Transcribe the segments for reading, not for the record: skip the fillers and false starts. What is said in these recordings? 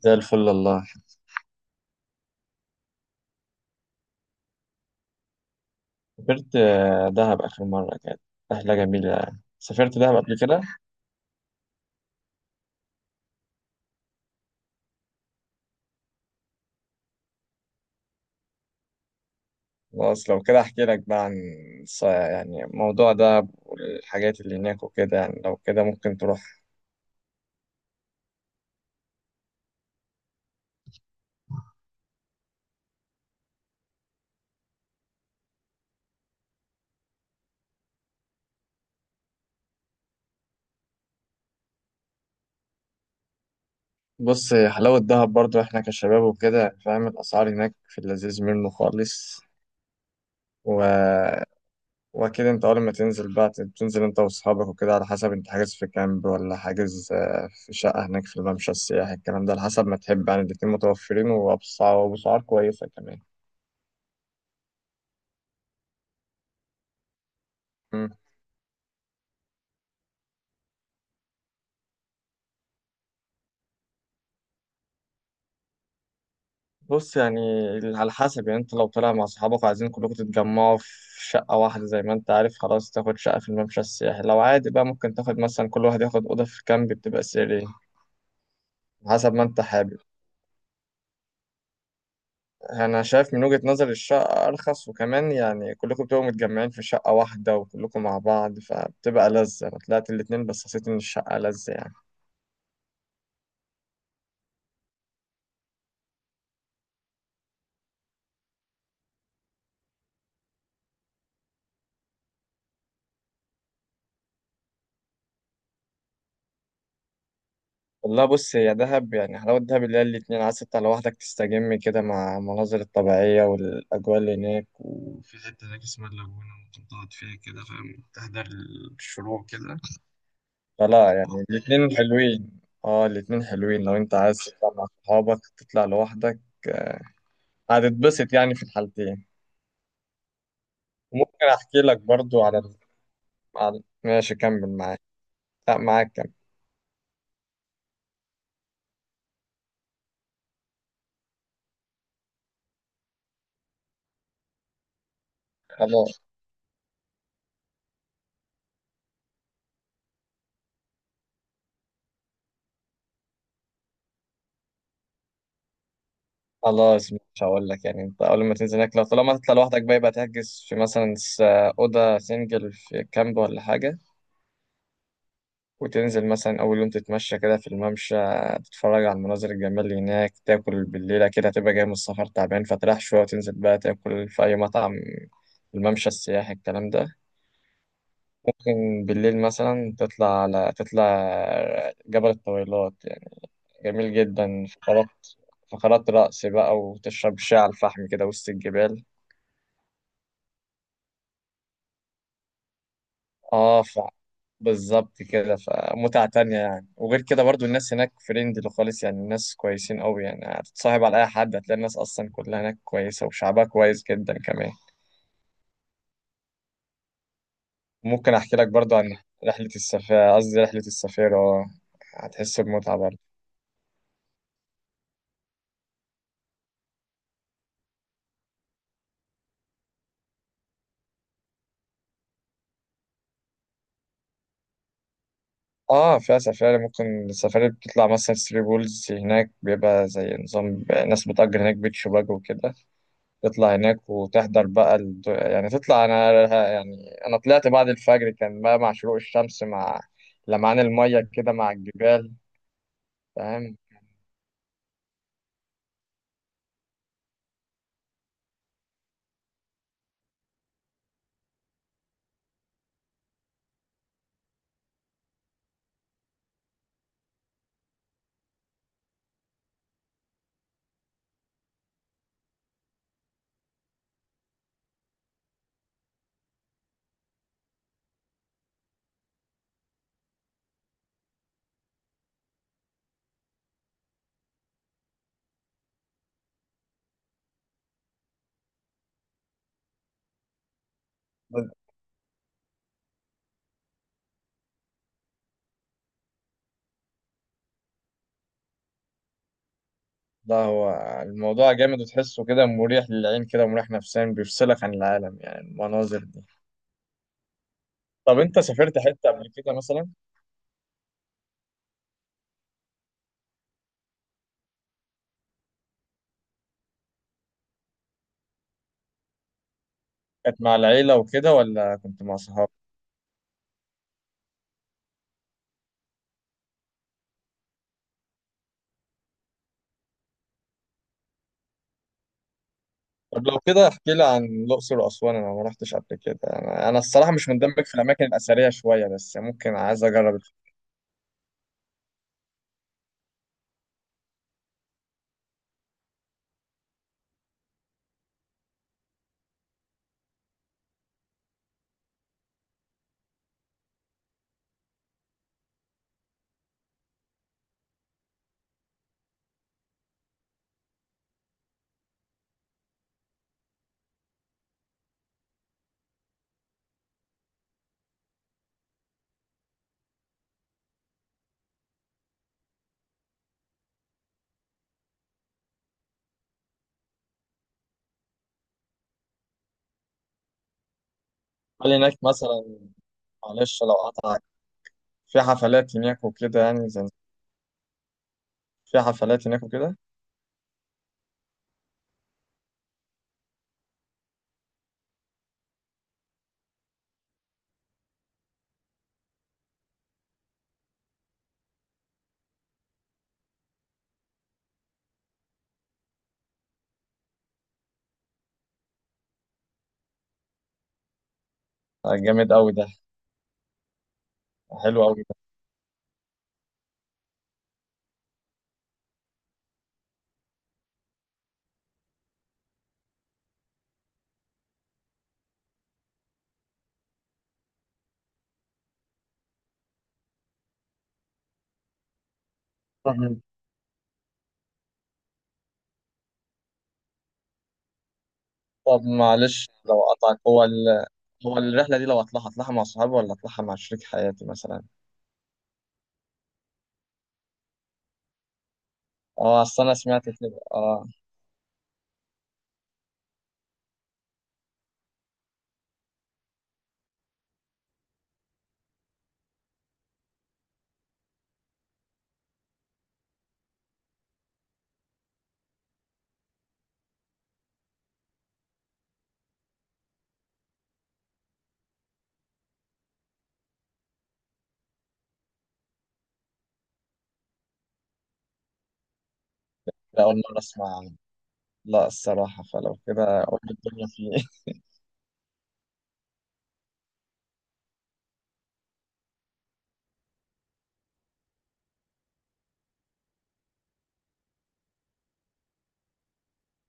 زي الفل والله. سافرت دهب آخر مرة، كانت رحلة جميلة يعني. سافرت دهب قبل كده. خلاص لو كده أحكي لك بقى عن يعني موضوع دهب والحاجات اللي هناك وكده، يعني لو كده ممكن تروح. بص، هي حلاوة دهب برضو إحنا كشباب وكده، فاهم الأسعار هناك في اللذيذ منه خالص. و واكيد انت اول ما تنزل بقى بتنزل انت واصحابك وكده، على حسب انت حاجز في كامب ولا حاجز في شقة هناك في الممشى السياحي الكلام ده، على حسب ما تحب يعني، الاتنين متوفرين وبأسعار كويسة كمان. مم. بص يعني، على حسب يعني، انت لو طالع مع اصحابك وعايزين كلكم تتجمعوا في شقة واحدة، زي ما انت عارف، خلاص تاخد شقة في الممشى السياحي، لو عادي بقى ممكن تاخد مثلا كل واحد ياخد أوضة في كامب، بتبقى سرية. على حسب ما انت حابب. انا شايف من وجهة نظري الشقة ارخص، وكمان يعني كلكم بتبقوا متجمعين في شقة واحدة، وكلكم مع بعض، فبتبقى لذة. انا طلعت الاتنين بس حسيت ان الشقة لذة يعني. والله بص، هي دهب يعني، حلاوة دهب اللي هي الاتنين، عايز تطلع لوحدك تستجم كده مع المناظر الطبيعية والأجواء اللي هناك، وفي حتة هناك اسمها اللاجونة ممكن تقعد فيها كده فاهم، تحضر الشروق كده. فلا يعني الاتنين حلوين. اه، الاتنين حلوين، لو انت عايز تطلع مع صحابك تطلع لوحدك هتتبسط يعني في الحالتين. ممكن احكي لك برضو على على ماشي كمل معاك. لا، معاك كمل. خلاص خلاص، مش هقول لك يعني، انت اول ما تنزل هناك، لو طالما تطلع لوحدك بقى، يبقى تحجز في مثلا اوضه سنجل في كامب ولا حاجه. وتنزل مثلا اول يوم تتمشى كده في الممشى، تتفرج على المناظر الجميله اللي هناك، تاكل بالليله كده، هتبقى جاي من السفر تعبان فتريح شويه، وتنزل بقى تاكل في اي مطعم الممشى السياحي الكلام ده. ممكن بالليل مثلا تطلع، على تطلع جبل الطويلات يعني. جميل جدا. فقرات رقص بقى، وتشرب شاي على الفحم كده وسط الجبال. اه بالظبط كده. فمتعة تانية يعني، وغير كده برضو الناس هناك فريندلي خالص، يعني الناس كويسين قوي، يعني هتتصاحب على أي حد، هتلاقي الناس أصلا كلها هناك كويسة، وشعبها كويس جدا كمان. ممكن أحكي لك برضو عن رحلة السفارة، قصدي رحلة السفارة، هتحس بمتعة برضو. اه فيها سفاري، ممكن السفاري بتطلع مثلا ثري بولز، هناك بيبقى زي نظام ناس بتأجر هناك بيت شباك وكده. تطلع هناك وتحضر بقى يعني تطلع انا يعني انا طلعت بعد الفجر، كان بقى مع شروق الشمس، مع لمعان المية كده مع الجبال، فاهم. لا، هو الموضوع جامد، وتحسه كده مريح للعين، كده مريح نفسيا، بيفصلك عن العالم يعني المناظر دي. طب انت سافرت حتة قبل كده مثلا؟ كانت مع العيلة وكده ولا كنت مع صحابك؟ طب لو كده احكي لي عن الأقصر وأسوان، انا ما رحتش قبل كده. أنا الصراحة مش مندمج في الأماكن الأثرية شوية، بس ممكن عايز اجرب. هل هناك مثلا، معلش لو قطعك، في حفلات هناك وكده يعني؟ زي في حفلات هناك وكده؟ آه، جامد قوي ده. حلو قوي ده. مهم. طب معلش لو قطعك، هو هو الرحلة دي لو هطلعها مع صحابي ولا هطلعها مع شريك حياتي مثلا؟ اه اصل انا سمعت كده، اه. لا، اول مرة اسمع عنه. لا الصراحة، فلو كده اقول الدنيا فيه ايه.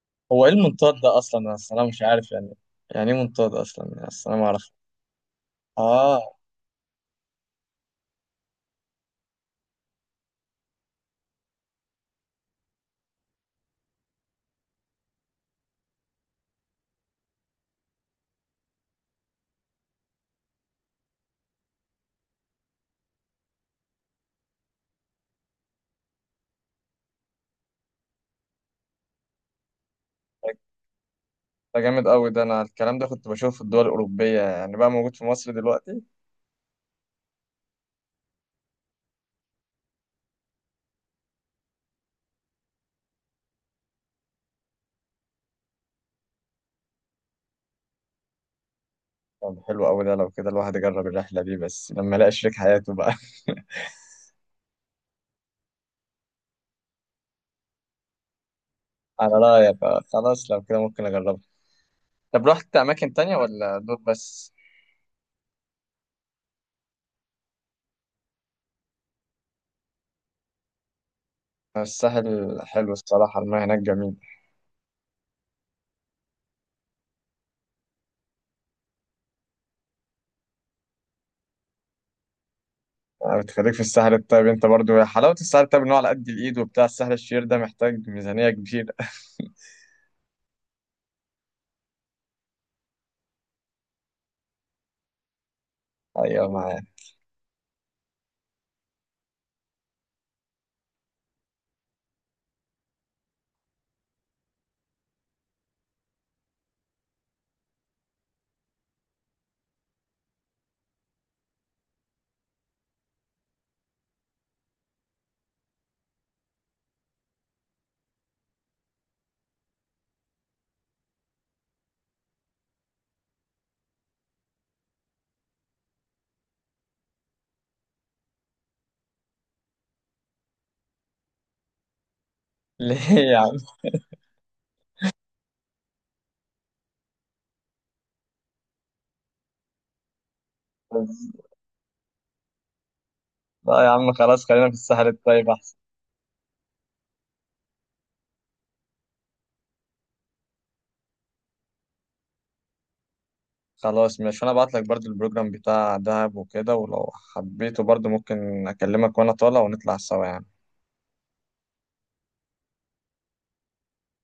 هو ايه المنطاد ده اصلا؟ انا الصراحة مش عارف يعني، يعني ايه منطاد اصلا يعني؟ اصل انا ما اعرف. اه، ده ده جامد قوي ده، انا الكلام ده كنت بشوفه في الدول الاوروبية، يعني بقى موجود في مصر دلوقتي. طب حلو أوي ده، لو كده الواحد يجرب الرحلة دي، بس لما يلاقي شريك حياته بقى. على رأيك، آه، خلاص لو كده ممكن أجربها. طب رحت أماكن تانية ولا دول بس؟ الساحل حلو الصراحة، المياه هناك جميل. آه، بتخليك في الساحل الطيب أنت برضو، يا حلاوة الساحل الطيب إن هو على قد الإيد وبتاع، الساحل الشرير ده محتاج ميزانية كبيرة. أيوة معايا. ليه يا عم؟ لا يا عم خلاص، خلينا في الساحل الطيب أحسن. خلاص ماشي، وأنا أبعت لك برضو البروجرام بتاع دهب وكده، ولو حبيته برضو ممكن أكلمك وأنا طالع ونطلع سوا يعني.